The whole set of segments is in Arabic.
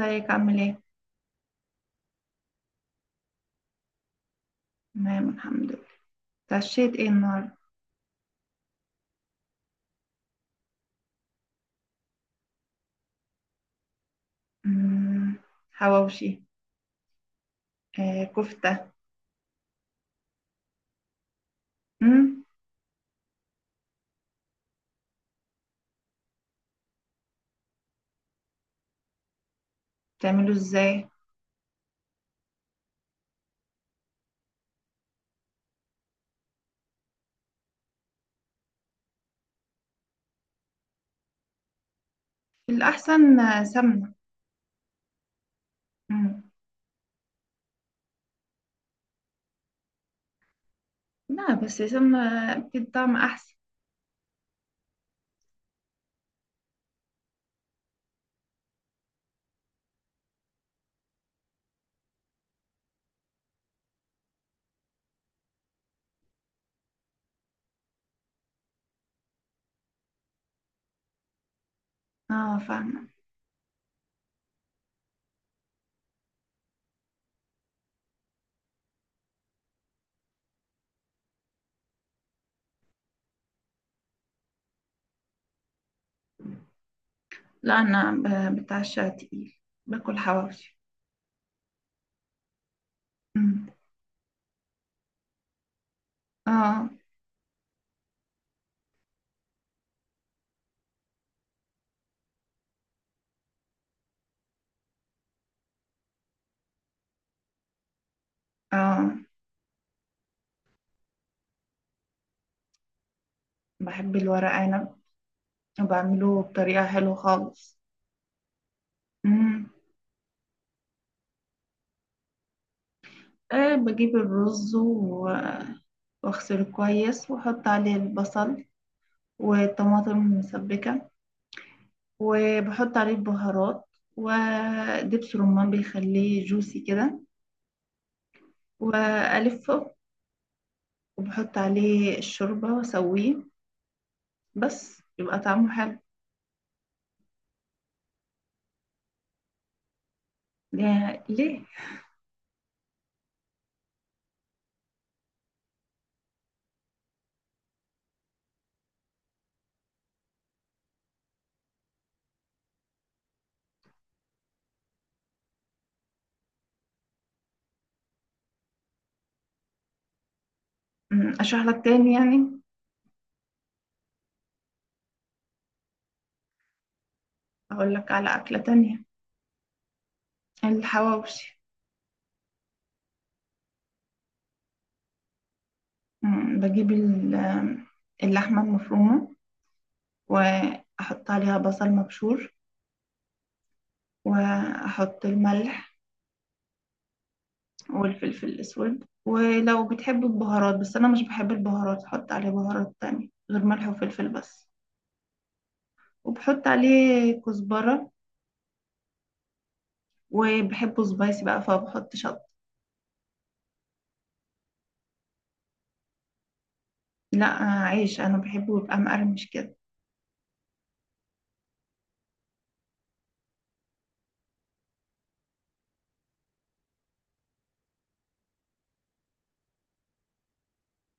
ازيك عامل ايه؟ تمام، الحمد لله. اتعشيت ايه النهارده؟ مم. حواوشي. كفتة. مم. بتعمله ازاي؟ الأحسن سمنة. مم. لا، بس سمنة بتدي طعم أحسن. اه، فاهمة. لا أنا بتعشى تقيل. باكل حواوشي. مم. اه، اه، بحب الورق عنب وبعمله بطريقة حلوة خالص. مم. بجيب الرز واغسله كويس واحط عليه البصل والطماطم المسبكة وبحط عليه البهارات ودبس رمان بيخليه جوسي كده وألفه وبحط عليه الشوربة وأسويه، بس يبقى طعمه حلو. ليه؟ أشرح لك تاني يعني. أقول لك على أكلة تانية. الحواوشي. بجيب اللحمة المفرومة وأحط عليها بصل مبشور وأحط الملح والفلفل الأسود، ولو بتحب البهارات، بس أنا مش بحب البهارات، أحط عليه بهارات تانية غير ملح وفلفل بس. وبحط عليه كزبرة، وبحبه سبايسي بقى فبحط شطة. لا. عيش أنا بحبه يبقى مقرمش كده.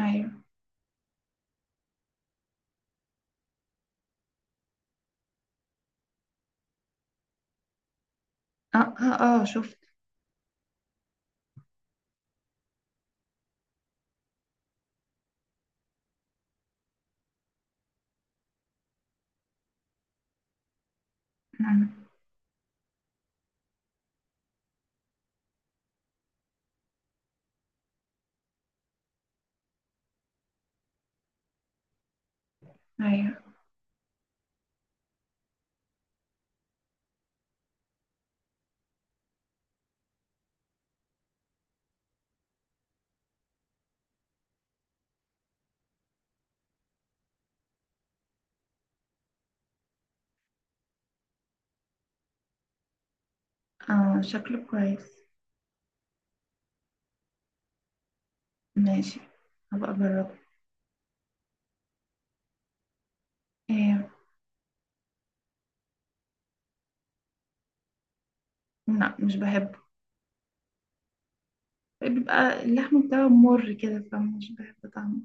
أيوة. آه، آه، آه، شفت. نعم. أيوة. آه، شكله كويس. ماشي، هبقى أجربه. إيه. لا، مش بحبه. بيبقى اللحم بتاعه مر كده فمش بحب طعمه.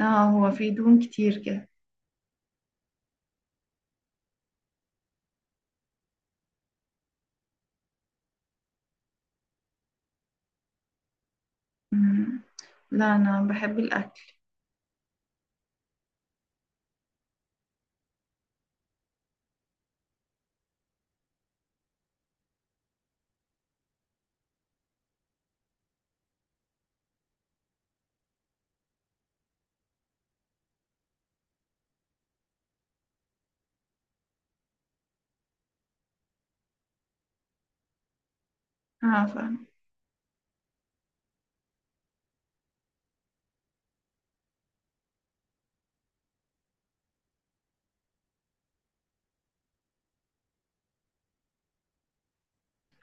اه. هو فيه دهون كتير كده. مم. لا، انا بحب الاكل. اه، فعلا.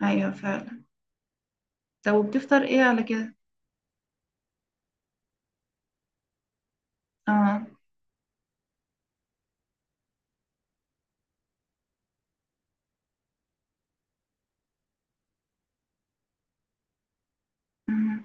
ايوه، فعلا. طب وبتفطر ايه على كده؟ اه. مم.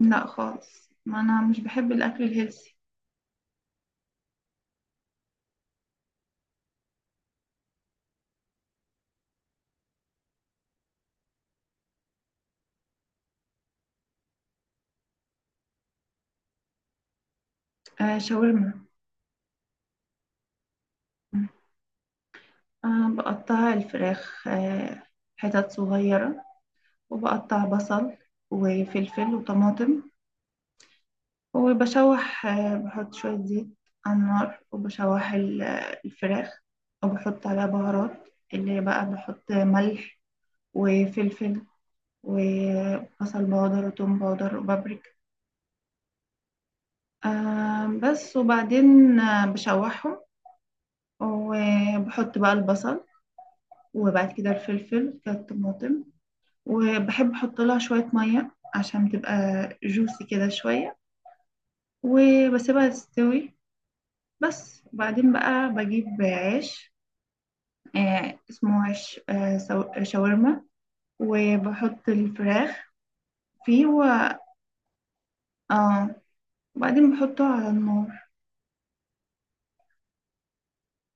لا خالص، ما انا مش بحب الاكل الهيلثي. آه، شاورما. مم. بقطع الفراخ حتت صغيرة، وبقطع بصل وفلفل وطماطم، وبشوح، بحط شوية زيت على النار وبشوح الفراخ، وبحط عليها بهارات، اللي بقى بحط ملح وفلفل وبصل باودر وتوم باودر وبابريكا بس. وبعدين بشوحهم وبحط بقى البصل وبعد كده الفلفل كده الطماطم، وبحب احط لها شوية مية عشان تبقى جوسي كده شوية وبسيبها تستوي. بس وبعدين بقى بجيب عيش، اسمه عيش شاورما، وبحط الفراخ فيه آه وبعدين بحطه على النار.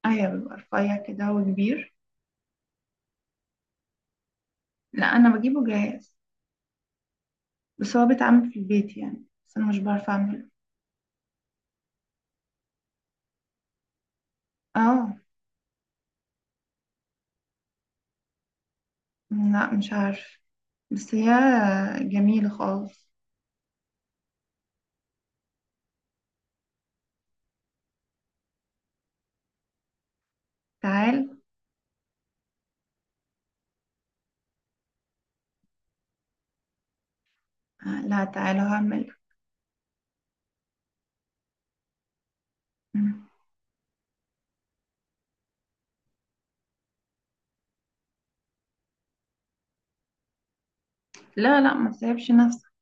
ايوه، بيبقى رفيع كده وكبير. لا، انا بجيبه جاهز، بس هو بيتعمل في البيت يعني، بس انا مش بعرف اعمله. اه. لا، مش عارف، بس هي جميلة خالص. تعال. لا، تعال هعمل. مم. لا، لا، ما تسيبش نفسك.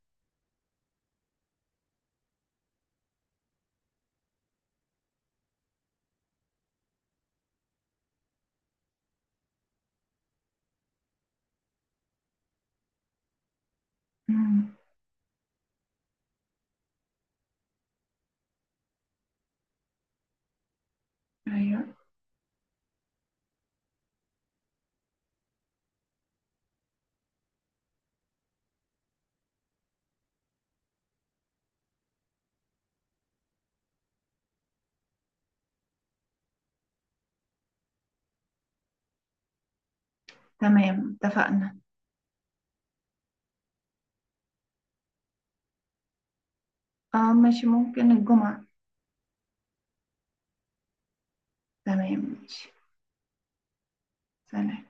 مم. ايوه. تمام، اتفقنا. اه، ماشي، ممكن الجمعة. تمام، ماشي. سلام.